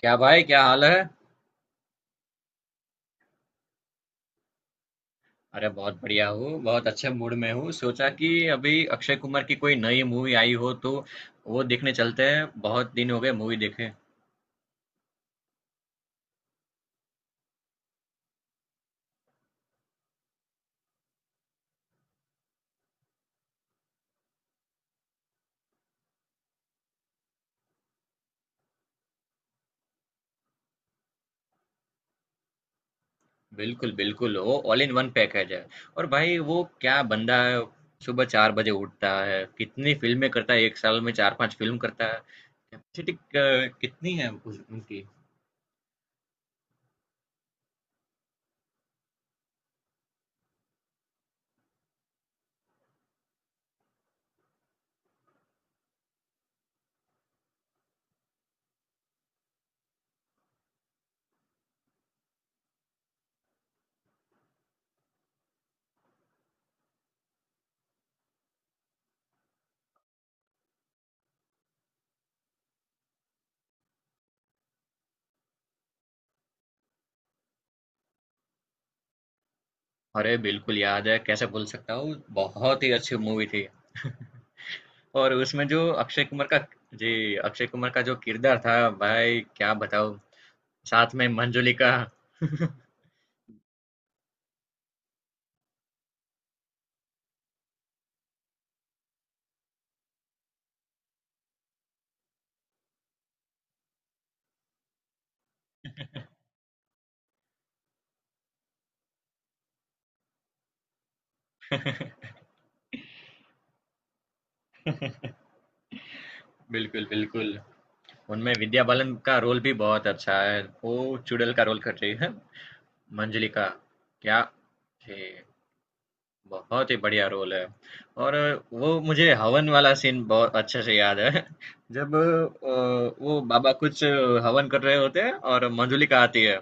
क्या भाई क्या हाल है? अरे बहुत बढ़िया हूँ। बहुत अच्छे मूड में हूँ। सोचा कि अभी अक्षय कुमार की कोई नई मूवी आई हो तो वो देखने चलते हैं। बहुत दिन हो गए मूवी देखे। बिल्कुल बिल्कुल, वो ऑल इन वन पैकेज है। और भाई वो क्या बंदा है! सुबह 4 बजे उठता है, कितनी फिल्में करता है, एक साल में चार पांच फिल्म करता है। कैपेसिटी कितनी है उनकी। अरे बिल्कुल याद है, कैसे भूल सकता हूँ। बहुत ही अच्छी मूवी थी। और उसमें जो अक्षय कुमार का... जी। अक्षय कुमार का जो किरदार था, भाई क्या बताऊं, साथ में मंजुलिका। बिल्कुल बिल्कुल। उनमें विद्या बालन का रोल भी बहुत अच्छा है, वो चुड़ैल का रोल कर रही है, मंजुलिका। क्या? जी। बहुत ही बढ़िया रोल है। और वो मुझे हवन वाला सीन बहुत अच्छे से याद है। जब वो बाबा कुछ हवन कर रहे होते हैं और मंजुलिका आती है।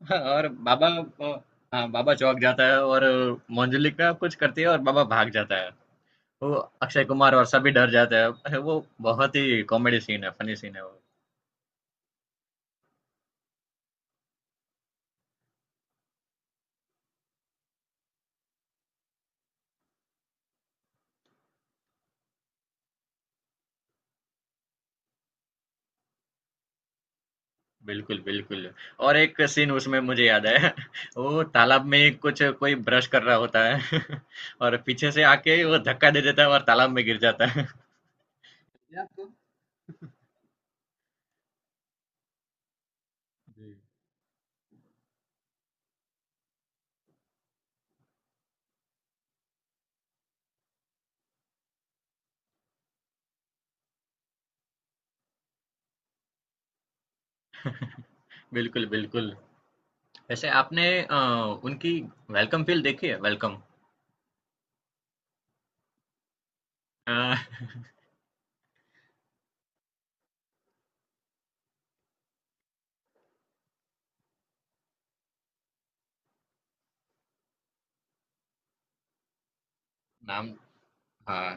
हाँ, और बाबा अ, हाँ, बाबा चौक जाता है और मंजुलिका का कुछ करती है और बाबा भाग जाता है। वो अक्षय कुमार और सभी डर जाते हैं। अरे, वो बहुत ही कॉमेडी सीन है, फनी सीन है वो। बिल्कुल बिल्कुल। और एक सीन उसमें मुझे याद है। वो तालाब में कुछ कोई ब्रश कर रहा होता है और पीछे से आके वो धक्का दे देता है और तालाब में गिर जाता है। या आपको... जी। बिल्कुल बिल्कुल। वैसे आपने उनकी वेलकम फील देखी है? वेलकम... अ, नाम... हाँ।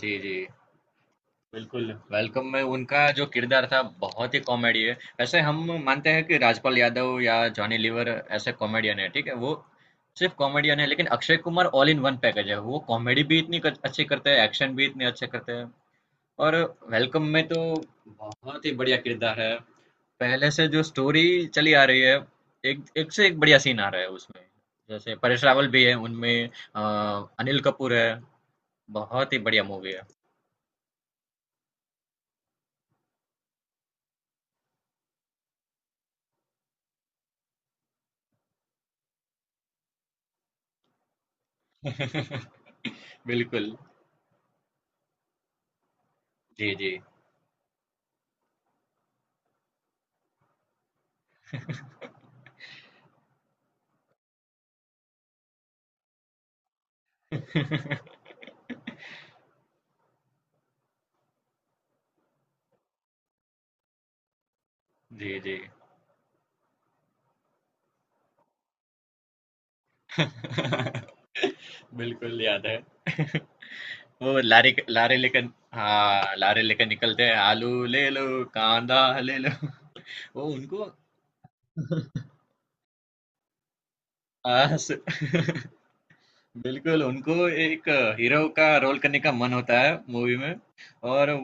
जी जी। बिल्कुल, वेलकम में उनका जो किरदार था बहुत ही कॉमेडी है। वैसे हम मानते हैं कि राजपाल यादव या जॉनी लीवर ऐसे कॉमेडियन है, ठीक है, वो सिर्फ कॉमेडियन है, लेकिन Akshay Kumar all in one package है। वो कॉमेडी भी इतनी अच्छी करते हैं, एक्शन भी इतने अच्छे करते हैं। और वेलकम में तो बहुत ही बढ़िया किरदार है। पहले से जो स्टोरी चली आ रही है, एक एक से एक बढ़िया सीन आ रहा है उसमें। जैसे परेश रावल भी है उनमें, अ, अनिल कपूर है। बहुत ही बढ़िया मूवी है। बिल्कुल। जी जी। जी, जी। बिल्कुल याद है। वो लारी लेकर, हाँ, लारी लेकर निकलते हैं, आलू ले लो, कांदा ले लो। वो उनको हाँ, स... बिल्कुल, उनको एक हीरो का रोल करने का मन होता है मूवी में। और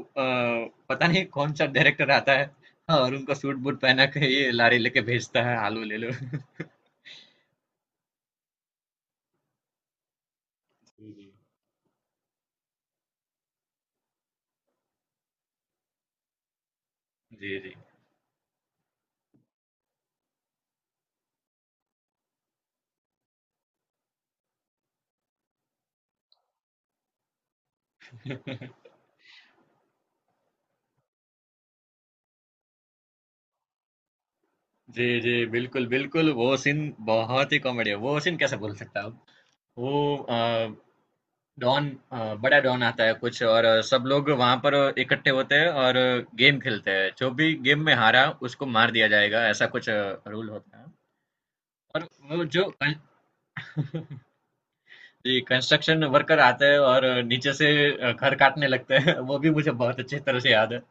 पता नहीं कौन-सा डायरेक्टर आता है, हाँ, और उनको सूट-बूट पहना के ये लारी लेके भेजता है, आलू ले लो। जी, जी। जी, जी। जी, जी, बिल्कुल, बिल्कुल, वो सीन बहुत ही कॉमेडी है, वो सीन कैसे भूल सकता हूँ। वो डॉन बड़ा डॉन आता है कुछ, और सब लोग वहाँ पर इकट्ठे होते हैं और गेम खेलते हैं, जो भी गेम में हारा उसको मार दिया जाएगा, ऐसा कुछ रूल होता है। और वो जो कं जी, कंस्ट्रक्शन वर्कर आते हैं और नीचे से घर काटने लगते हैं, वो भी मुझे बहुत अच्छी तरह से याद है।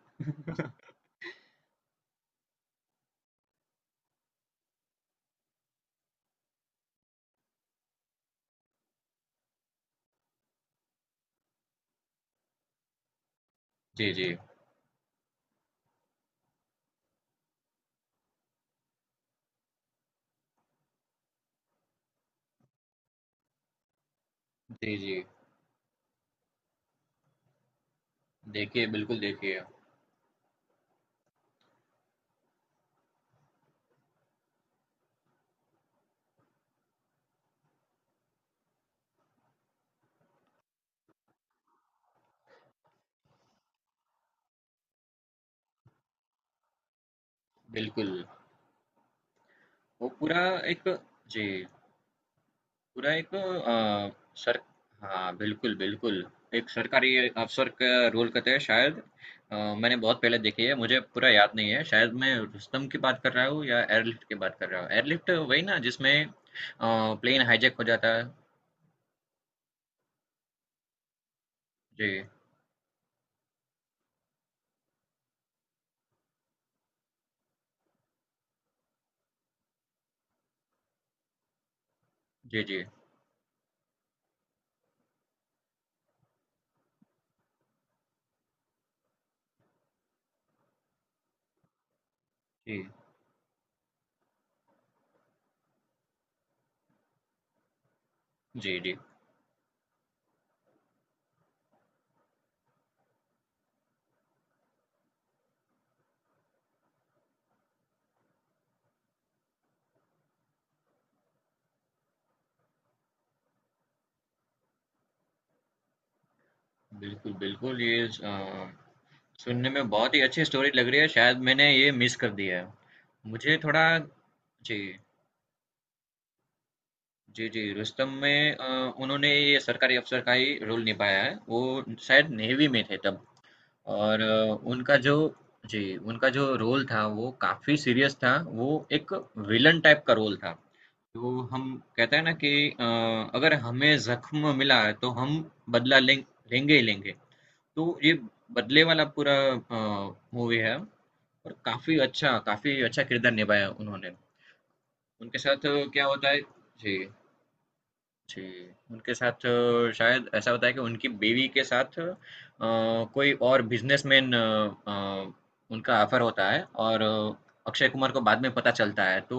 जी, जी। जी, जी। देखिए। बिल्कुल, वो पूरा एक जी। बुराई को आ, सर हाँ बिल्कुल बिल्कुल, एक सरकारी अफसर का रोल कहते हैं शायद। मैंने बहुत पहले देखी है, मुझे पूरा याद नहीं है। शायद मैं रुस्तम की बात कर रहा हूँ या एयरलिफ्ट की बात कर रहा हूँ। एयरलिफ्ट वही ना, जिसमें प्लेन हाईजैक हो जाता है? जी जी। जी जी। जी जी। बिल्कुल बिल्कुल। ये सुनने में बहुत ही अच्छी स्टोरी लग रही है, शायद मैंने ये मिस कर दिया है। मुझे थोड़ा... जी। जी, जी, रुस्तम में उन्होंने ये सरकारी अफ़सर का ही रोल निभाया है। वो शायद नेवी में थे तब। और उनका जो जी, उनका जो रोल था वो काफ़ी सीरियस था। वो एक विलन टाइप का रोल था। तो हम कहते हैं ना कि अगर हमें ज़ख्म मिला है तो हम बदला लेंगे ही लेंगे। तो ये बदले वाला पूरा मूवी है और काफ़ी अच्छा, काफ़ी अच्छा किरदार निभाया उन्होंने। उनके साथ क्या होता है? जी। जी, उनके साथ शायद ऐसा होता है कि उनकी बीवी के साथ कोई और बिजनेसमैन उनका ऑफर होता है और अक्षय कुमार को बाद में पता चलता है, तो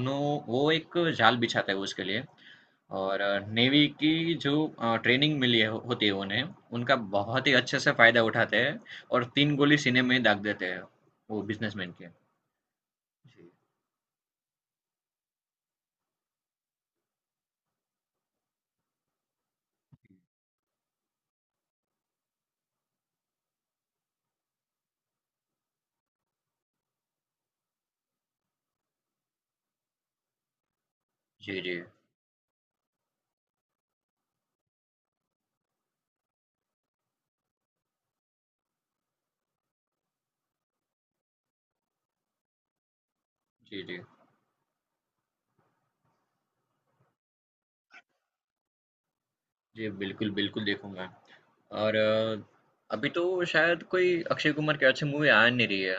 उन्हों वो एक जाल बिछाता है उसके लिए। और नेवी की जो ट्रेनिंग मिली है होती है उन्हें, उनका बहुत ही अच्छे से फायदा उठाते हैं और तीन गोली सीने में दाग देते हैं वो बिजनेसमैन के। जी जी। जी जी। जी जी। बिल्कुल बिल्कुल, देखूंगा। और अभी तो शायद कोई अक्षय कुमार की अच्छी मूवी आ नहीं रही है,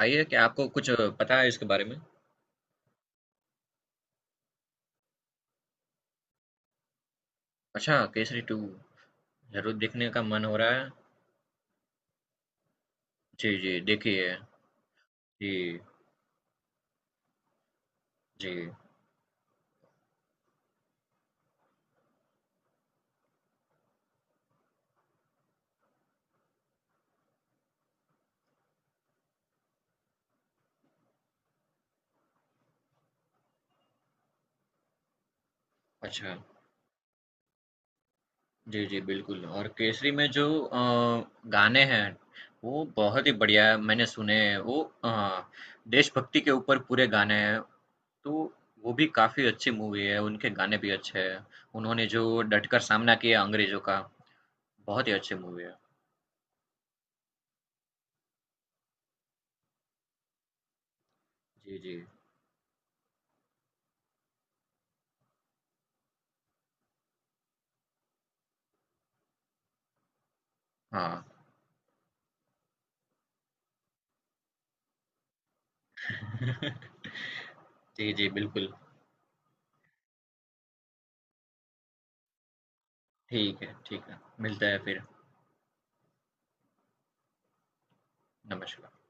आई है क्या? आपको कुछ पता है इसके बारे में? अच्छा, केसरी टू? जरूर देखने का मन हो रहा है। जी जी, देखिए। जी जी। अच्छा। जी जी बिल्कुल। और केसरी में जो गाने हैं, वो बहुत ही बढ़िया है, मैंने सुने हैं। वो देशभक्ति के ऊपर पूरे गाने हैं, तो वो भी काफी अच्छी मूवी है। उनके गाने भी अच्छे हैं। उन्होंने जो डटकर सामना किया अंग्रेजों का, बहुत ही अच्छी मूवी है। जी, जी। हाँ। जी, जी, बिल्कुल। ठीक है, ठीक है, मिलते हैं फिर। नमस्कार।